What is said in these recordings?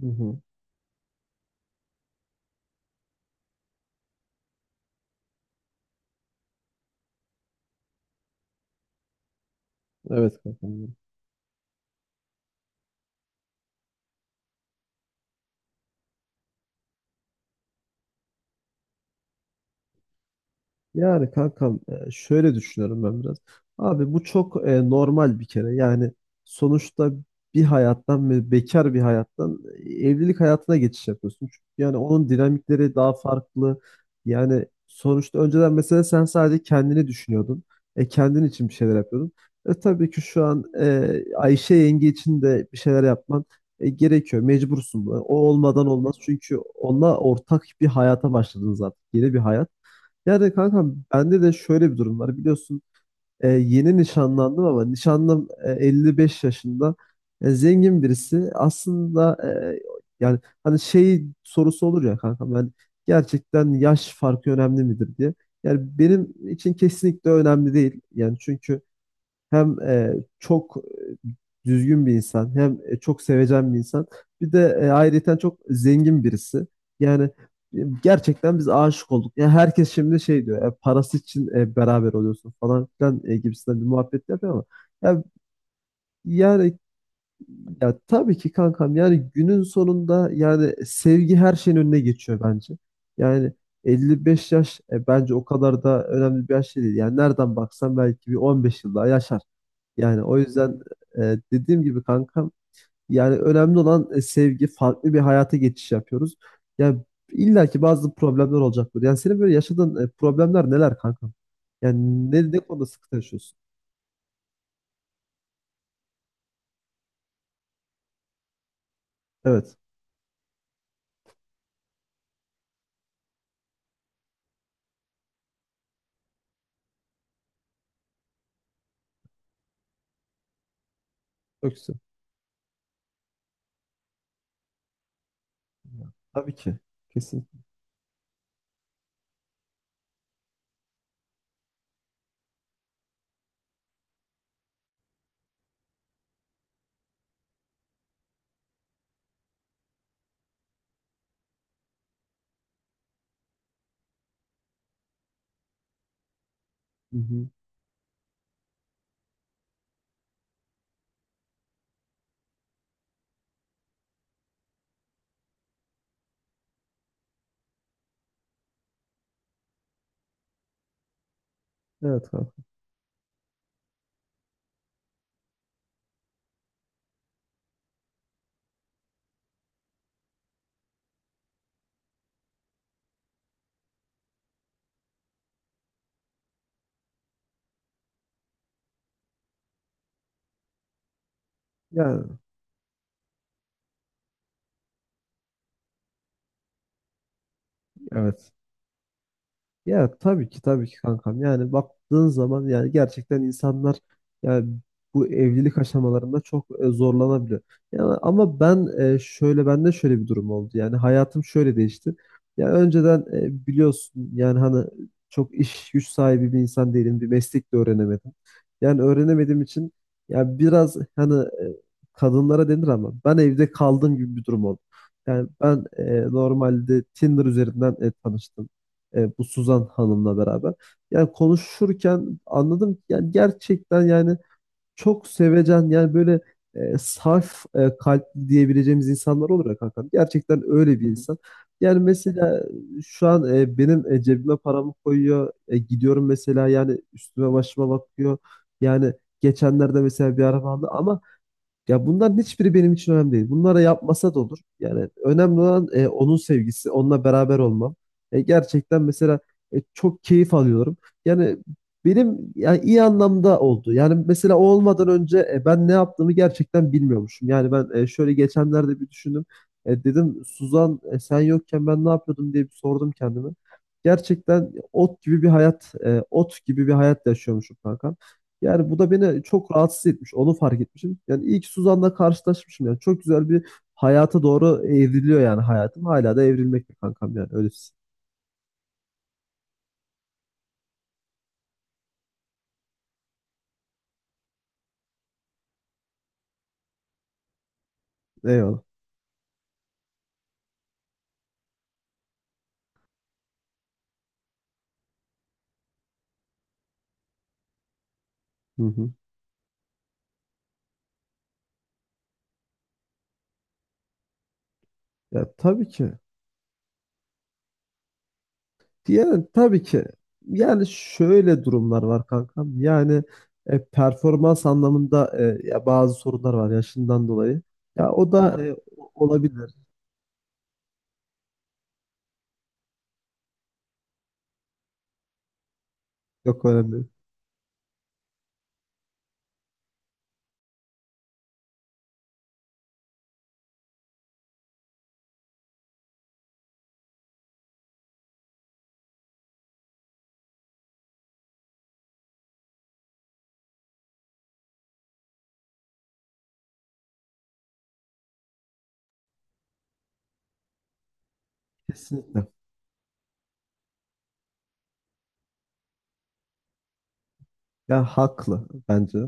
Hı hı. Evet kankam. Yani kankam şöyle düşünüyorum ben biraz. Abi bu çok normal bir kere. Yani sonuçta bir hayattan ve bekar bir hayattan evlilik hayatına geçiş yapıyorsun. Çünkü yani onun dinamikleri daha farklı. Yani sonuçta önceden mesela sen sadece kendini düşünüyordun. Kendin için bir şeyler yapıyordun. Tabii ki şu an Ayşe yenge için de bir şeyler yapman gerekiyor. Mecbursun. O olmadan olmaz. Çünkü onunla ortak bir hayata başladınız artık. Yeni bir hayat. Yani kanka bende de şöyle bir durum var. Biliyorsun yeni nişanlandım ama nişanlım 55 yaşında. Zengin birisi. Aslında yani hani şey sorusu olur ya kanka ben gerçekten yaş farkı önemli midir diye. Yani benim için kesinlikle önemli değil. Yani çünkü hem çok düzgün bir insan, hem çok sevecen bir insan. Bir de ayrıyeten çok zengin birisi. Yani e, gerçekten biz aşık olduk. Yani herkes şimdi şey diyor, parası için beraber oluyorsun falan filan gibisinden bir muhabbet yapıyor ama ya, yani ya tabii ki kankam yani günün sonunda yani sevgi her şeyin önüne geçiyor bence. Yani 55 yaş bence o kadar da önemli bir yaş değil. Yani nereden baksan belki bir 15 yıl daha yaşar. Yani o yüzden dediğim gibi kankam yani önemli olan sevgi farklı bir hayata geçiş yapıyoruz. Yani illa ki bazı problemler olacaktır. Yani senin böyle yaşadığın problemler neler kankam? Yani ne konuda sıkıntı yaşıyorsun? Evet. Çok güzel. Tabii ki. Kesin. Hı hı. Evet kankam. Ya evet. Ya tabii ki tabii ki kankam. Yani baktığın zaman yani gerçekten insanlar yani bu evlilik aşamalarında çok zorlanabiliyor. Yani ama ben şöyle bende şöyle bir durum oldu. Yani hayatım şöyle değişti. Ya önceden biliyorsun yani hani çok iş güç sahibi bir insan değilim. Bir meslek de öğrenemedim. Yani öğrenemediğim için ya biraz hani kadınlara denir ama ben evde kaldığım gibi bir durum oldu. Yani ben normalde Tinder üzerinden tanıştım bu Suzan Hanım'la beraber. Yani konuşurken anladım ki yani gerçekten yani çok sevecen yani böyle saf kalpli diyebileceğimiz insanlar olur ya kankam. Gerçekten öyle bir insan. Yani mesela şu an benim cebime paramı koyuyor. Gidiyorum mesela yani üstüme başıma bakıyor. Yani geçenlerde mesela bir araba aldı ama ya bunların hiçbiri benim için önemli değil. Bunlara yapmasa da olur. Yani önemli olan onun sevgisi, onunla beraber olmam. Gerçekten mesela çok keyif alıyorum. Yani benim yani iyi anlamda oldu. Yani mesela o olmadan önce ben ne yaptığımı gerçekten bilmiyormuşum. Yani ben şöyle geçenlerde bir düşündüm. Dedim Suzan sen yokken ben ne yapıyordum diye bir sordum kendime. Gerçekten ot gibi bir hayat yaşıyormuşum kanka. Yani bu da beni çok rahatsız etmiş. Onu fark etmişim. Yani ilk Suzan'la karşılaşmışım. Yani çok güzel bir hayata doğru evriliyor yani hayatım. Hala da evrilmekte kankam yani. Öyle. Eyvallah. Hı hı. Ya tabii ki. Yani tabii ki. Yani şöyle durumlar var kankam. Yani performans anlamında ya bazı sorunlar var yaşından dolayı. Ya o da olabilir. Yok, önemli değil. Kesinlikle. Ya haklı bence.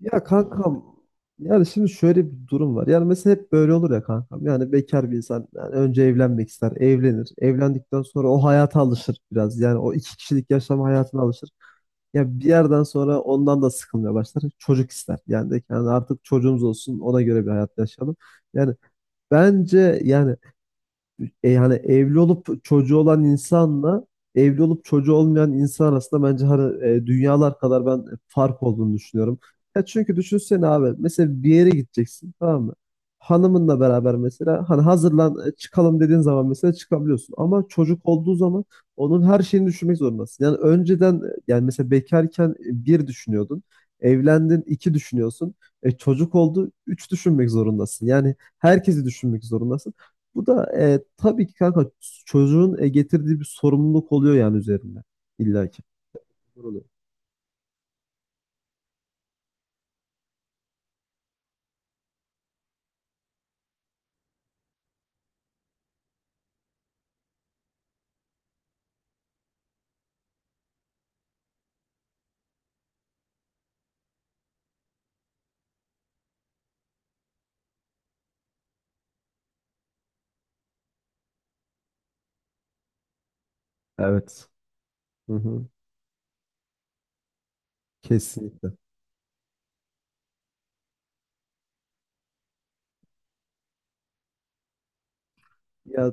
Ya kankam yani şimdi şöyle bir durum var. Yani mesela hep böyle olur ya kankam. Yani bekar bir insan yani önce evlenmek ister, evlenir. Evlendikten sonra o hayata alışır biraz. Yani o iki kişilik yaşam hayatına alışır. Ya bir yerden sonra ondan da sıkılmaya başlar. Çocuk ister. Yani de ki, yani artık çocuğumuz olsun ona göre bir hayat yaşayalım. Yani bence yani yani evli olup çocuğu olan insanla evli olup çocuğu olmayan insan arasında bence hani, dünyalar kadar ben fark olduğunu düşünüyorum. Ya çünkü düşünsene abi mesela bir yere gideceksin tamam mı? Hanımınla beraber mesela hani hazırlan çıkalım dediğin zaman mesela çıkabiliyorsun. Ama çocuk olduğu zaman onun her şeyini düşünmek zorundasın. Yani önceden yani mesela bekarken bir düşünüyordun. Evlendin iki düşünüyorsun. Çocuk oldu üç düşünmek zorundasın. Yani herkesi düşünmek zorundasın. Bu da tabii ki kanka çocuğun getirdiği bir sorumluluk oluyor yani üzerinde. İlla ki. Oluyor. Evet. Hı hı, kesinlikle. Ya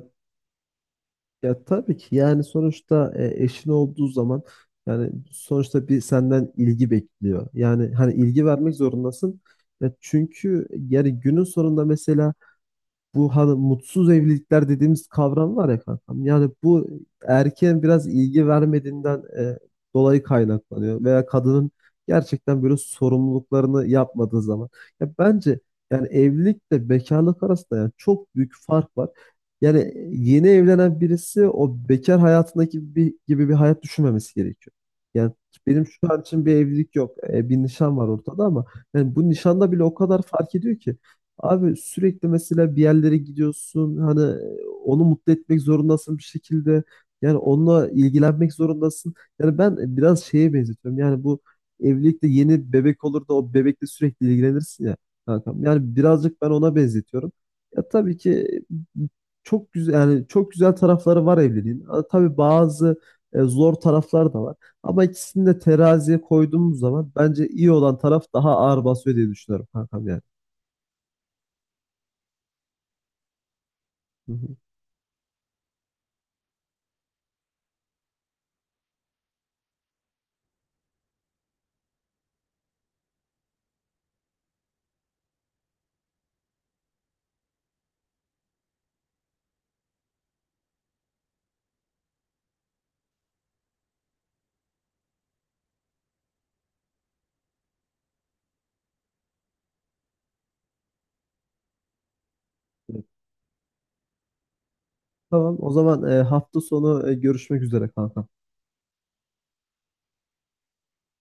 ya tabii ki yani sonuçta eşin olduğu zaman yani sonuçta bir senden ilgi bekliyor. Yani hani ilgi vermek zorundasın. Ya çünkü yani günün sonunda mesela bu hani mutsuz evlilikler dediğimiz kavram var ya kankam. Yani bu erkeğin biraz ilgi vermediğinden dolayı kaynaklanıyor veya kadının gerçekten böyle sorumluluklarını yapmadığı zaman. Ya bence yani evlilikle bekarlık arasında yani çok büyük fark var. Yani yeni evlenen birisi o bekar hayatındaki gibi bir hayat düşünmemesi gerekiyor. Yani benim şu an için bir evlilik yok. Bir nişan var ortada ama yani bu nişanda bile o kadar fark ediyor ki. Abi sürekli mesela bir yerlere gidiyorsun hani onu mutlu etmek zorundasın bir şekilde yani onunla ilgilenmek zorundasın. Yani ben biraz şeye benzetiyorum yani bu evlilikte yeni bebek olur da o bebekle sürekli ilgilenirsin ya kankam. Yani birazcık ben ona benzetiyorum. Ya tabii ki e, çok güzel yani çok güzel tarafları var evliliğin. Ha, tabii bazı zor taraflar da var. Ama ikisini de teraziye koyduğumuz zaman bence iyi olan taraf daha ağır basıyor diye düşünüyorum kankam yani. Hı hı. Tamam o zaman hafta sonu görüşmek üzere kanka.